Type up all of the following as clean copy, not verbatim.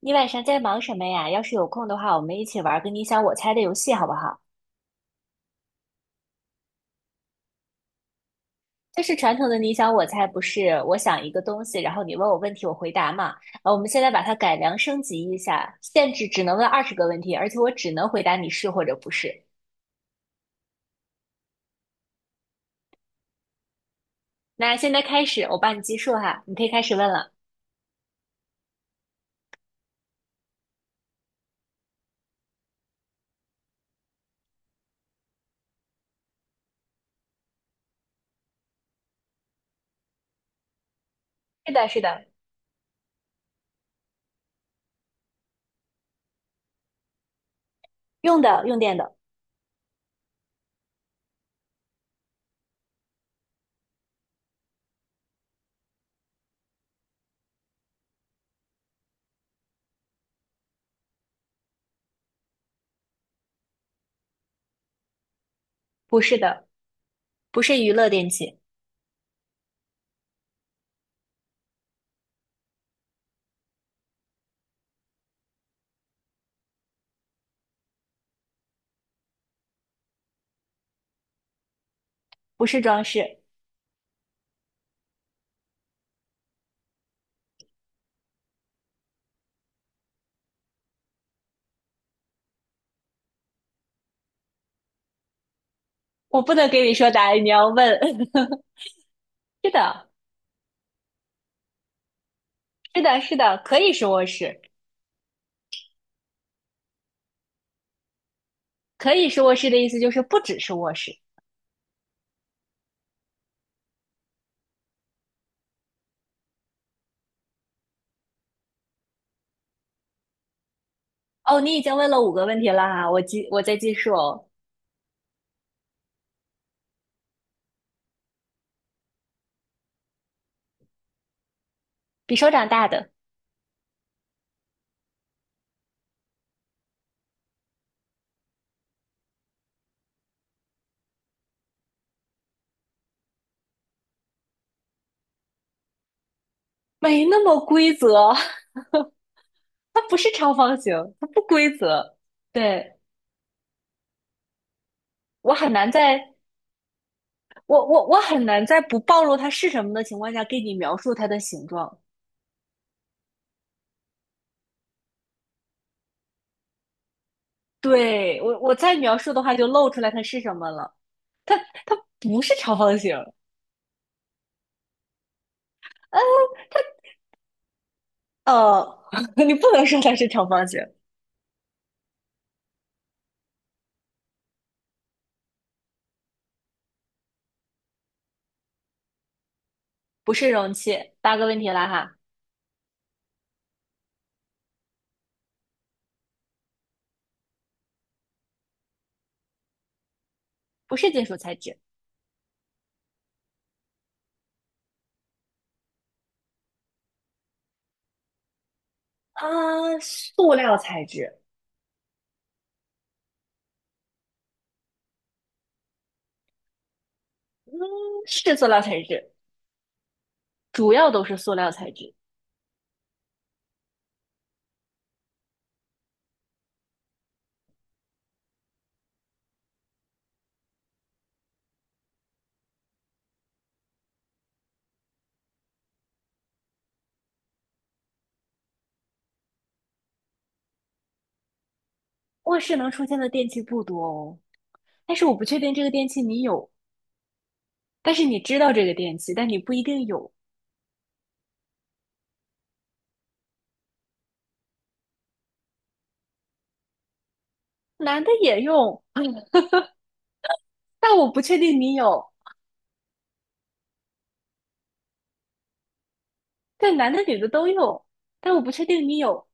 你晚上在忙什么呀？要是有空的话，我们一起玩儿个你想我猜的游戏，好不好？就是传统的你想我猜，不是我想一个东西，然后你问我问题，我回答嘛。我们现在把它改良升级一下，限制只能问20个问题，而且我只能回答你是或者不是。那现在开始，我帮你计数哈，你可以开始问了。是的，是的。用的，用电的。不是的，不是娱乐电器。不是装饰。我不能给你说答案，你要问。是的，是的，是的，可以说是卧室。可以是卧室的意思就是不只是卧室。哦，你已经问了五个问题了哈，我在记数哦。比手掌大的。没那么规则，它不是长方形，它不规则。对，我很难在我很难在不暴露它是什么的情况下给你描述它的形状。对，我再描述的话就露出来它是什么了，它不是长方形。嗯呃，你不能说它是长方形。不是容器。八个问题了哈。不是金属材质。啊，塑料材质。是塑料材质，主要都是塑料材质。卧室能出现的电器不多哦，但是我不确定这个电器你有，但是你知道这个电器，但你不一定有。男的也用，但我不确定你有。对，男的女的都用，但我不确定你有。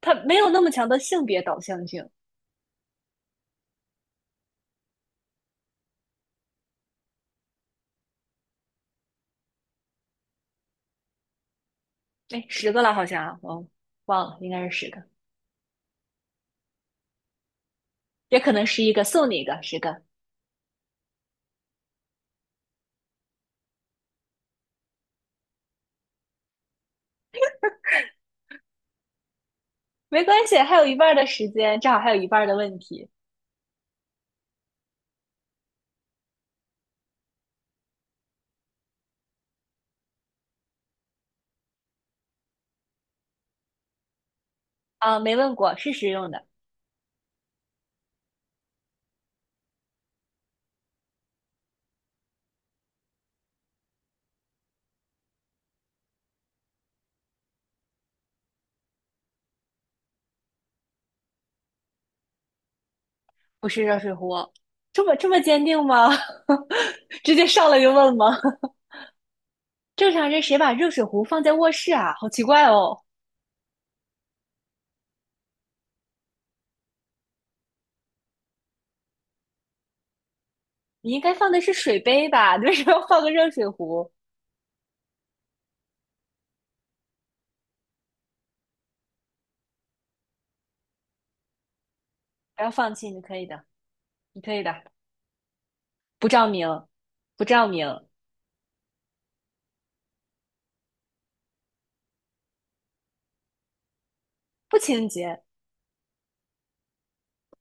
它没有那么强的性别导向性。哎，十个了好像啊，我忘了，应该是十个，也可能11个，送你一个，十个。没关系，还有一半儿的时间，正好还有一半儿的问题。啊，没问过，是实用的。不是热水壶。这么这么坚定吗？直接上来就问吗？正常人谁把热水壶放在卧室啊？好奇怪哦！你应该放的是水杯吧？你为什么要放个热水壶？不要放弃，你可以的，你可以的。不照明。不照明。不清洁。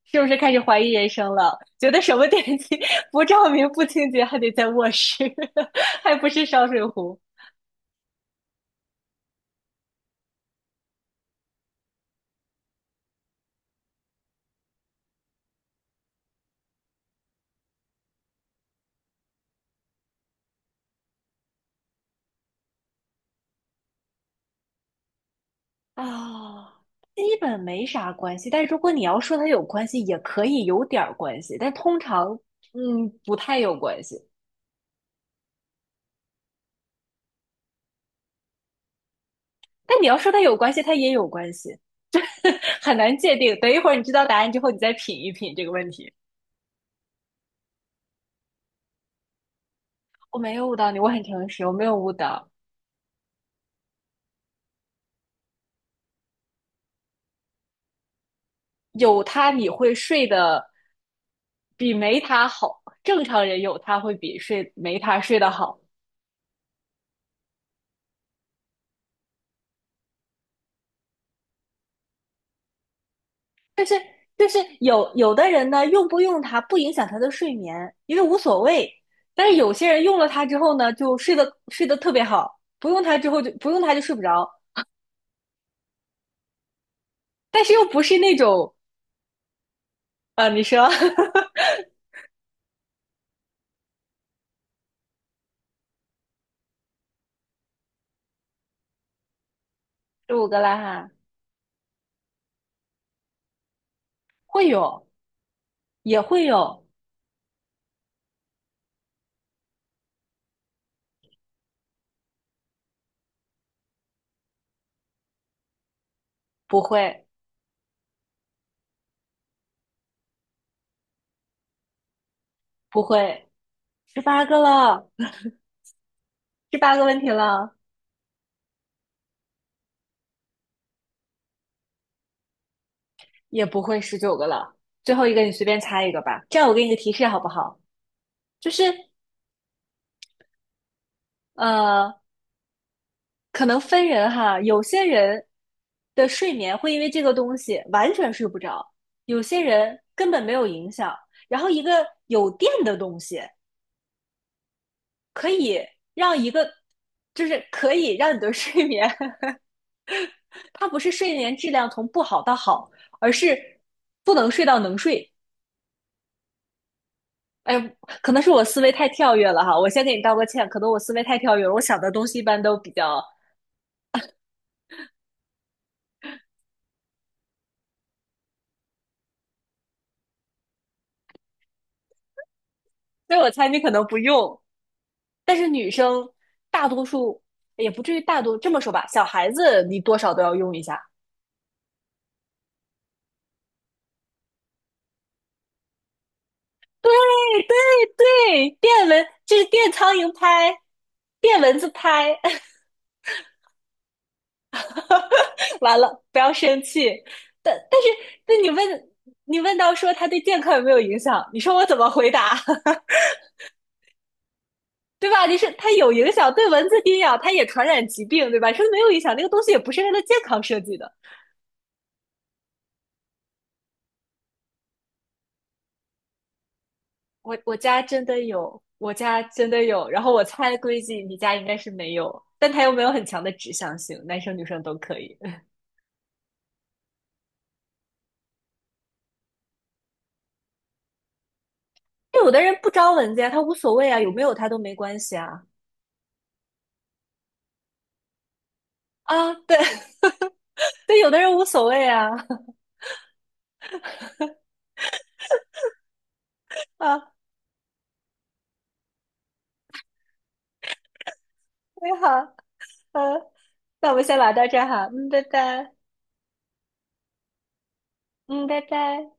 是不是开始怀疑人生了？觉得什么电器 不照明、不清洁，还得在卧室，还不是烧水壶？啊，基本没啥关系。但如果你要说它有关系，也可以有点儿关系，但通常，嗯，不太有关系。但你要说它有关系，它也有关系，很难界定。等一会儿你知道答案之后，你再品一品这个问题。我没有误导你，我很诚实，我没有误导。有它你会睡得比没它好，正常人有它会比睡没它睡得好。就是有的人呢，用不用它不影响他的睡眠，因为无所谓。但是有些人用了它之后呢，就睡得特别好，不用它之后就睡不着。但是又不是那种你说 15个了哈。会有也会有。不会。不会，十八个了，十八个问题了。也不会。19个了。最后一个你随便猜一个吧，这样我给你个提示好不好？就是呃，可能分人哈，有些人的睡眠会因为这个东西完全睡不着，有些人根本没有影响。然后一个有电的东西可以让一个，就是可以让你的 睡眠，它不是睡眠质量从不好到好，而是不能睡到能睡。哎，可能是我思维太跳跃了哈，我先给你道个歉，可能我思维太跳跃了，我想的东西一般都比较，所以我猜你可能不用。但是女生大多数也不至于大多这么说吧，小孩子你多少都要用一下。对对对，电蚊就是电苍蝇拍，电蚊子拍。完了，不要生气。但是那你问到说它对健康有没有影响，你说我怎么回答？对吧？你是它有影响，对蚊子叮咬它也传染疾病，对吧？说没有影响，那个东西也不是为了健康设计的。我家真的有，我家真的有。然后我猜估计你家应该是没有，但它又没有很强的指向性，男生女生都可以。有的人不招蚊子呀，他无所谓啊，有没有他都没关系啊。啊，对，对，有的人无所谓啊。啊，你好，呃，那我们先聊到这儿哈，嗯，拜拜，嗯，拜拜。